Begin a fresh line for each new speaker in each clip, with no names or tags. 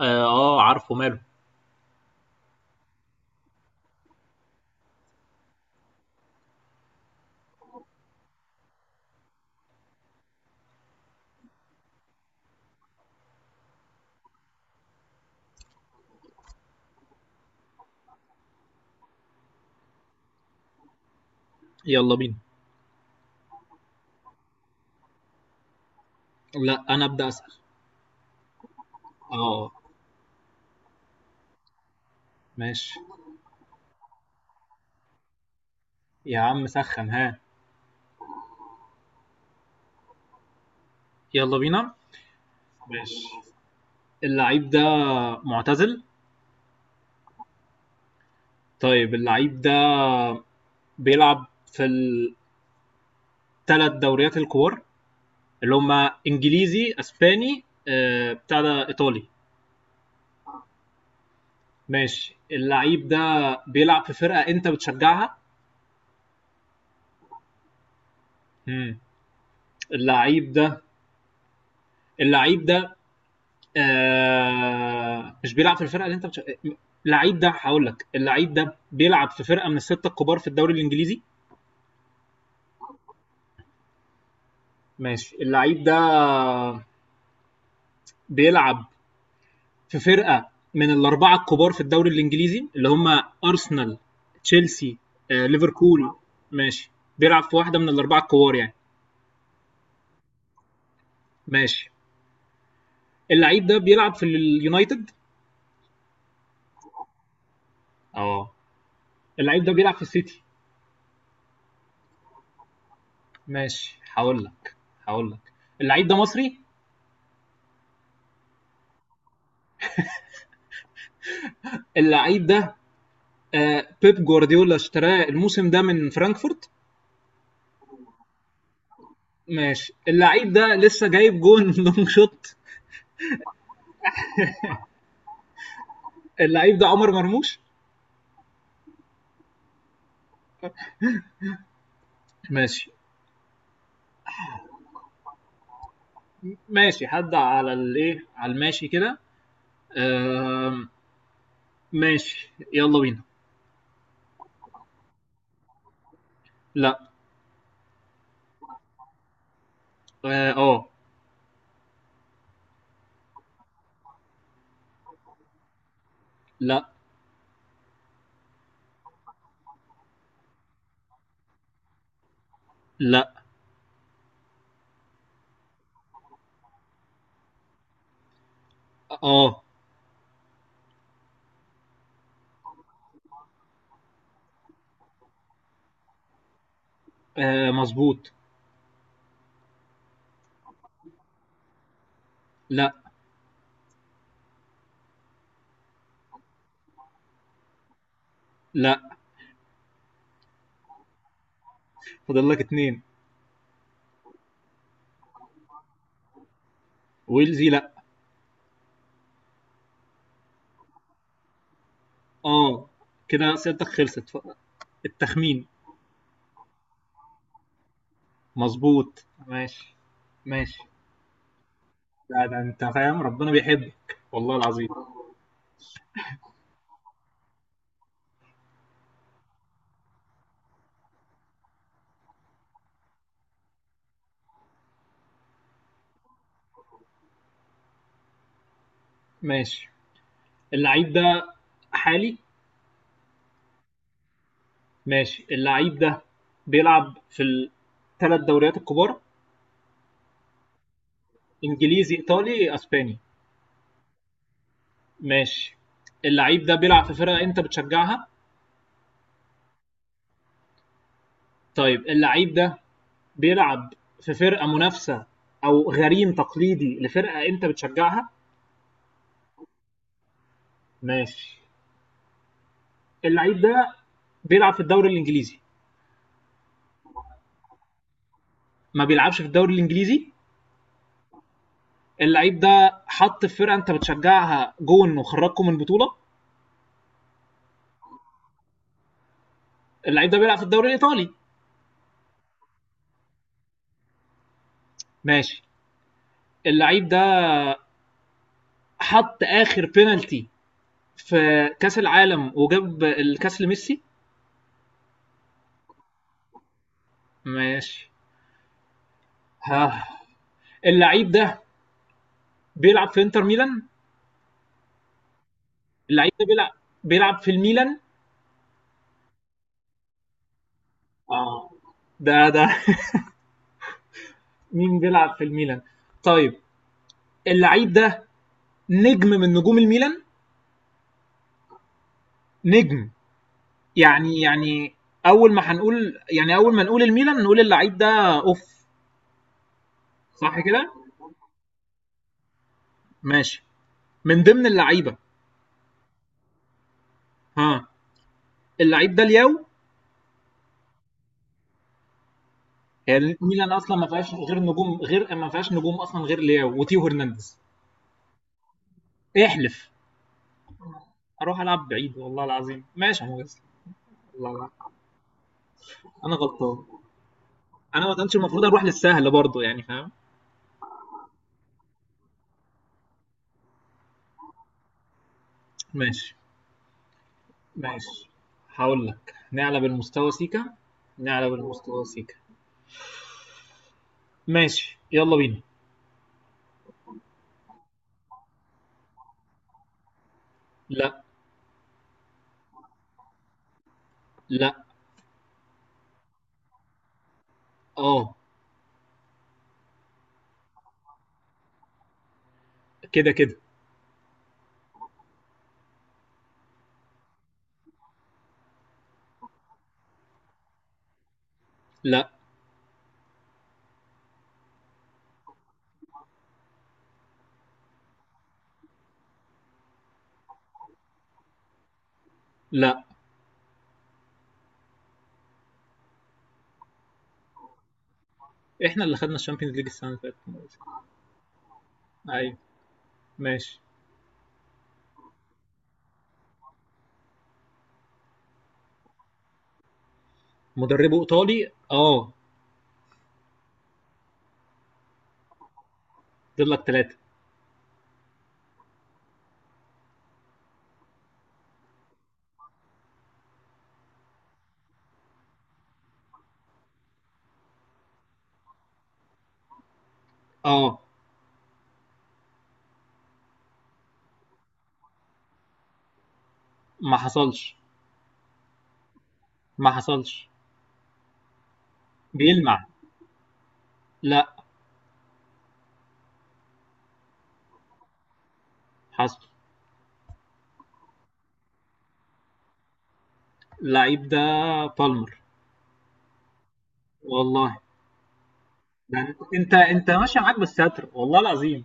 اه آه، عارفه ماله. يلا بينا. لا انا ابدا اسال. اه، ماشي يا عم سخن ها. يلا بينا. ماشي، اللعيب ده معتزل. طيب اللعيب ده بيلعب في الثلاث دوريات الكبار، اللي هما انجليزي اسباني، بتاع ده ايطالي. ماشي اللعيب ده بيلعب في فرقة انت بتشجعها. مم. اللعيب ده، اللعيب ده مش بيلعب في الفرقه اللي انت اللعيب ده هقول لك اللعيب ده بيلعب في فرقه من السته الكبار في الدوري الانجليزي. ماشي اللعيب ده بيلعب في فرقه من الاربعه الكبار في الدوري الانجليزي، اللي هم ارسنال، تشيلسي، ليفربول. ماشي، بيلعب في واحده من الاربعه الكبار يعني. ماشي اللعيب ده بيلعب في اليونايتد. اه، اللعيب ده بيلعب في السيتي. ماشي هقول لك اللعيب ده مصري. اللعيب ده بيب جوارديولا اشتراه الموسم ده من فرانكفورت. ماشي اللعيب ده لسه جايب جون لونج شوت. اللعيب ده عمر مرموش. ماشي ماشي، حد على الايه على الماشي كده. آه. ماشي يلا بينا. لا. اه. آه. لا. لا. اه. آه، مظبوط. لا. لا فاضل لك اتنين. ويلزي لا. اه، كده اسئلتك خلصت التخمين. مظبوط ماشي. ماشي. لا ده انت فاهم، ربنا بيحبك والله العظيم. ماشي، اللعيب ده حالي. ماشي اللعيب ده بيلعب في الثلاث دوريات الكبار. انجليزي ايطالي اسباني. ماشي اللعيب ده بيلعب في فرقة انت بتشجعها. طيب اللعيب ده بيلعب في فرقة منافسة او غريم تقليدي لفرقة انت بتشجعها. ماشي اللعيب ده بيلعب في الدوري الانجليزي. ما بيلعبش في الدوري الانجليزي. اللعيب ده حط في فرقه انت بتشجعها جون وخرجكم من البطوله. اللعيب ده بيلعب في الدوري الايطالي. ماشي اللعيب ده حط اخر بينالتي في كاس العالم وجاب الكاس لميسي ماشي. ها، اللعيب ده بيلعب في انتر ميلان. اللعيب ده بيلعب في الميلان. اه، ده مين بيلعب في الميلان؟ طيب اللعيب ده نجم من نجوم الميلان. نجم. يعني أول ما هنقول يعني أول ما نقول الميلان نقول اللعيب ده أوف. صح كده؟ ماشي، من ضمن اللعيبة. ها، اللعيب ده لياو. هي الميلان أصلا ما فيهاش غير نجوم، غير ما فيهاش نجوم أصلا غير لياو وتيو هرنانديز. احلف. أروح ألعب بعيد، والله العظيم. ماشي يا مهندس، والله العظيم. أنا غلطان. أنا ما كانش المفروض أروح للسهل برضه، يعني فاهم؟ ماشي. ماشي هقول لك، نعلى بالمستوى سيكا. نعلى بالمستوى سيكا ماشي يلا بينا. لا. لا. آه. كده، كده. لأ. لأ، إحنا اللي خدنا الشامبيونز ليج السنة اللي فاتت. أيوه. ماشي. مدربه إيطالي آه. فاضل لك 3 آه. ما حصلش. ما حصلش. بيلمع. لأ. حصل. اللعيب ده بالمر. والله. ده أنت ماشية معاك بالستر، والله العظيم.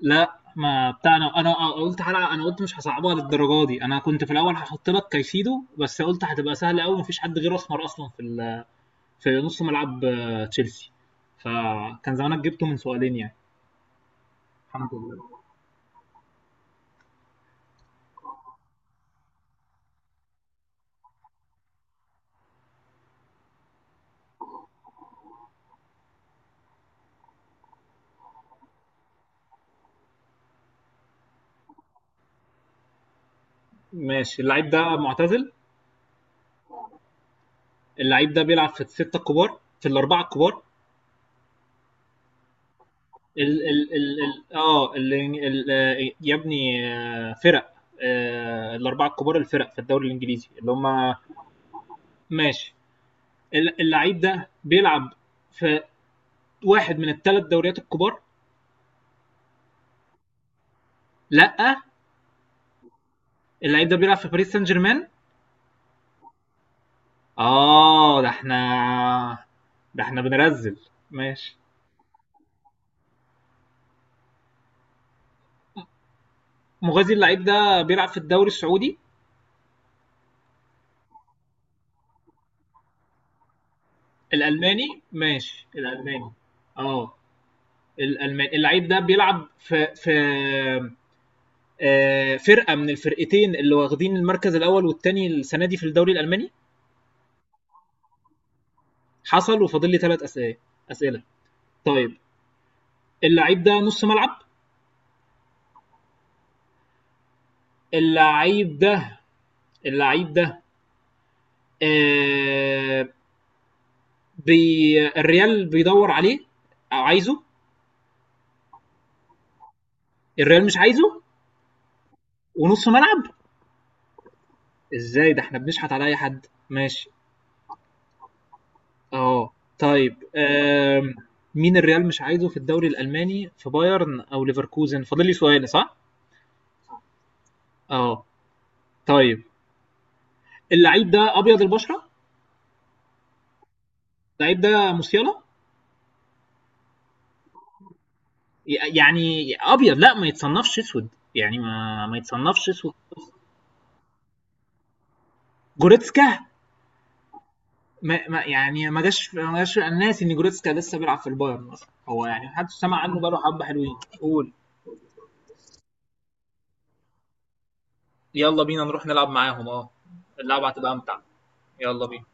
لأ، ما بتاع أنا قلت حلقة، أنا قلت مش هاصعبها للدرجة دي. أنا كنت في الأول هاحط لك كايسيدو، بس قلت هتبقى سهلة أوي، ما فيش حد غيره أسمر أصلًا في في نص ملعب آه، تشيلسي. فكان زمانك جبته من سؤالين يعني. الحمد لله. ماشي، اللعيب ده معتزل. اللعيب ده بيلعب في الستة الكبار، في الأربعة الكبار. ال ال ال ال اه ال ال آه، يا ابني آه، فرق آه، الأربعة الكبار، الفرق في الدوري الإنجليزي اللي هم. ماشي، اللعيب ده بيلعب في واحد من الثلاث دوريات الكبار. لا. اللعيب ده بيلعب في باريس سان جيرمان. آه، ده احنا، ده احنا بنرزل. ماشي، مغازي، اللعيب ده بيلعب في الدوري السعودي. الألماني، ماشي الألماني. اه، الألماني، اللعيب ده بيلعب في آه، فرقة من الفرقتين اللي واخدين المركز الأول والتاني السنة دي في الدوري الألماني. حصل وفاضل لي ثلاث أسئلة. أسئلة. طيب، اللعيب ده نص ملعب. اللعيب ده، اللعيب ده آه، بي الريال بيدور عليه أو عايزه. الريال مش عايزه، ونص ملعب. ازاي؟ ده احنا بنشحت على اي حد. ماشي. اه، طيب. مين الريال مش عايزه في الدوري الالماني، في بايرن او ليفركوزن؟ فاضل لي سؤال صح؟ اه، طيب، اللعيب ده ابيض البشره. اللعيب ده موسيالا. يعني ابيض، لا ما يتصنفش اسود. يعني ما يتصنفش اسود. جوريتسكا. ما جاش انا ناسي ان جوريتسكا لسه بيلعب في البايرن اصلا، هو يعني محدش سمع عنه بقاله حبه حلوين. قول. يلا بينا نروح نلعب معاهم، آه، اللعبة هتبقى أمتع. يلا بينا.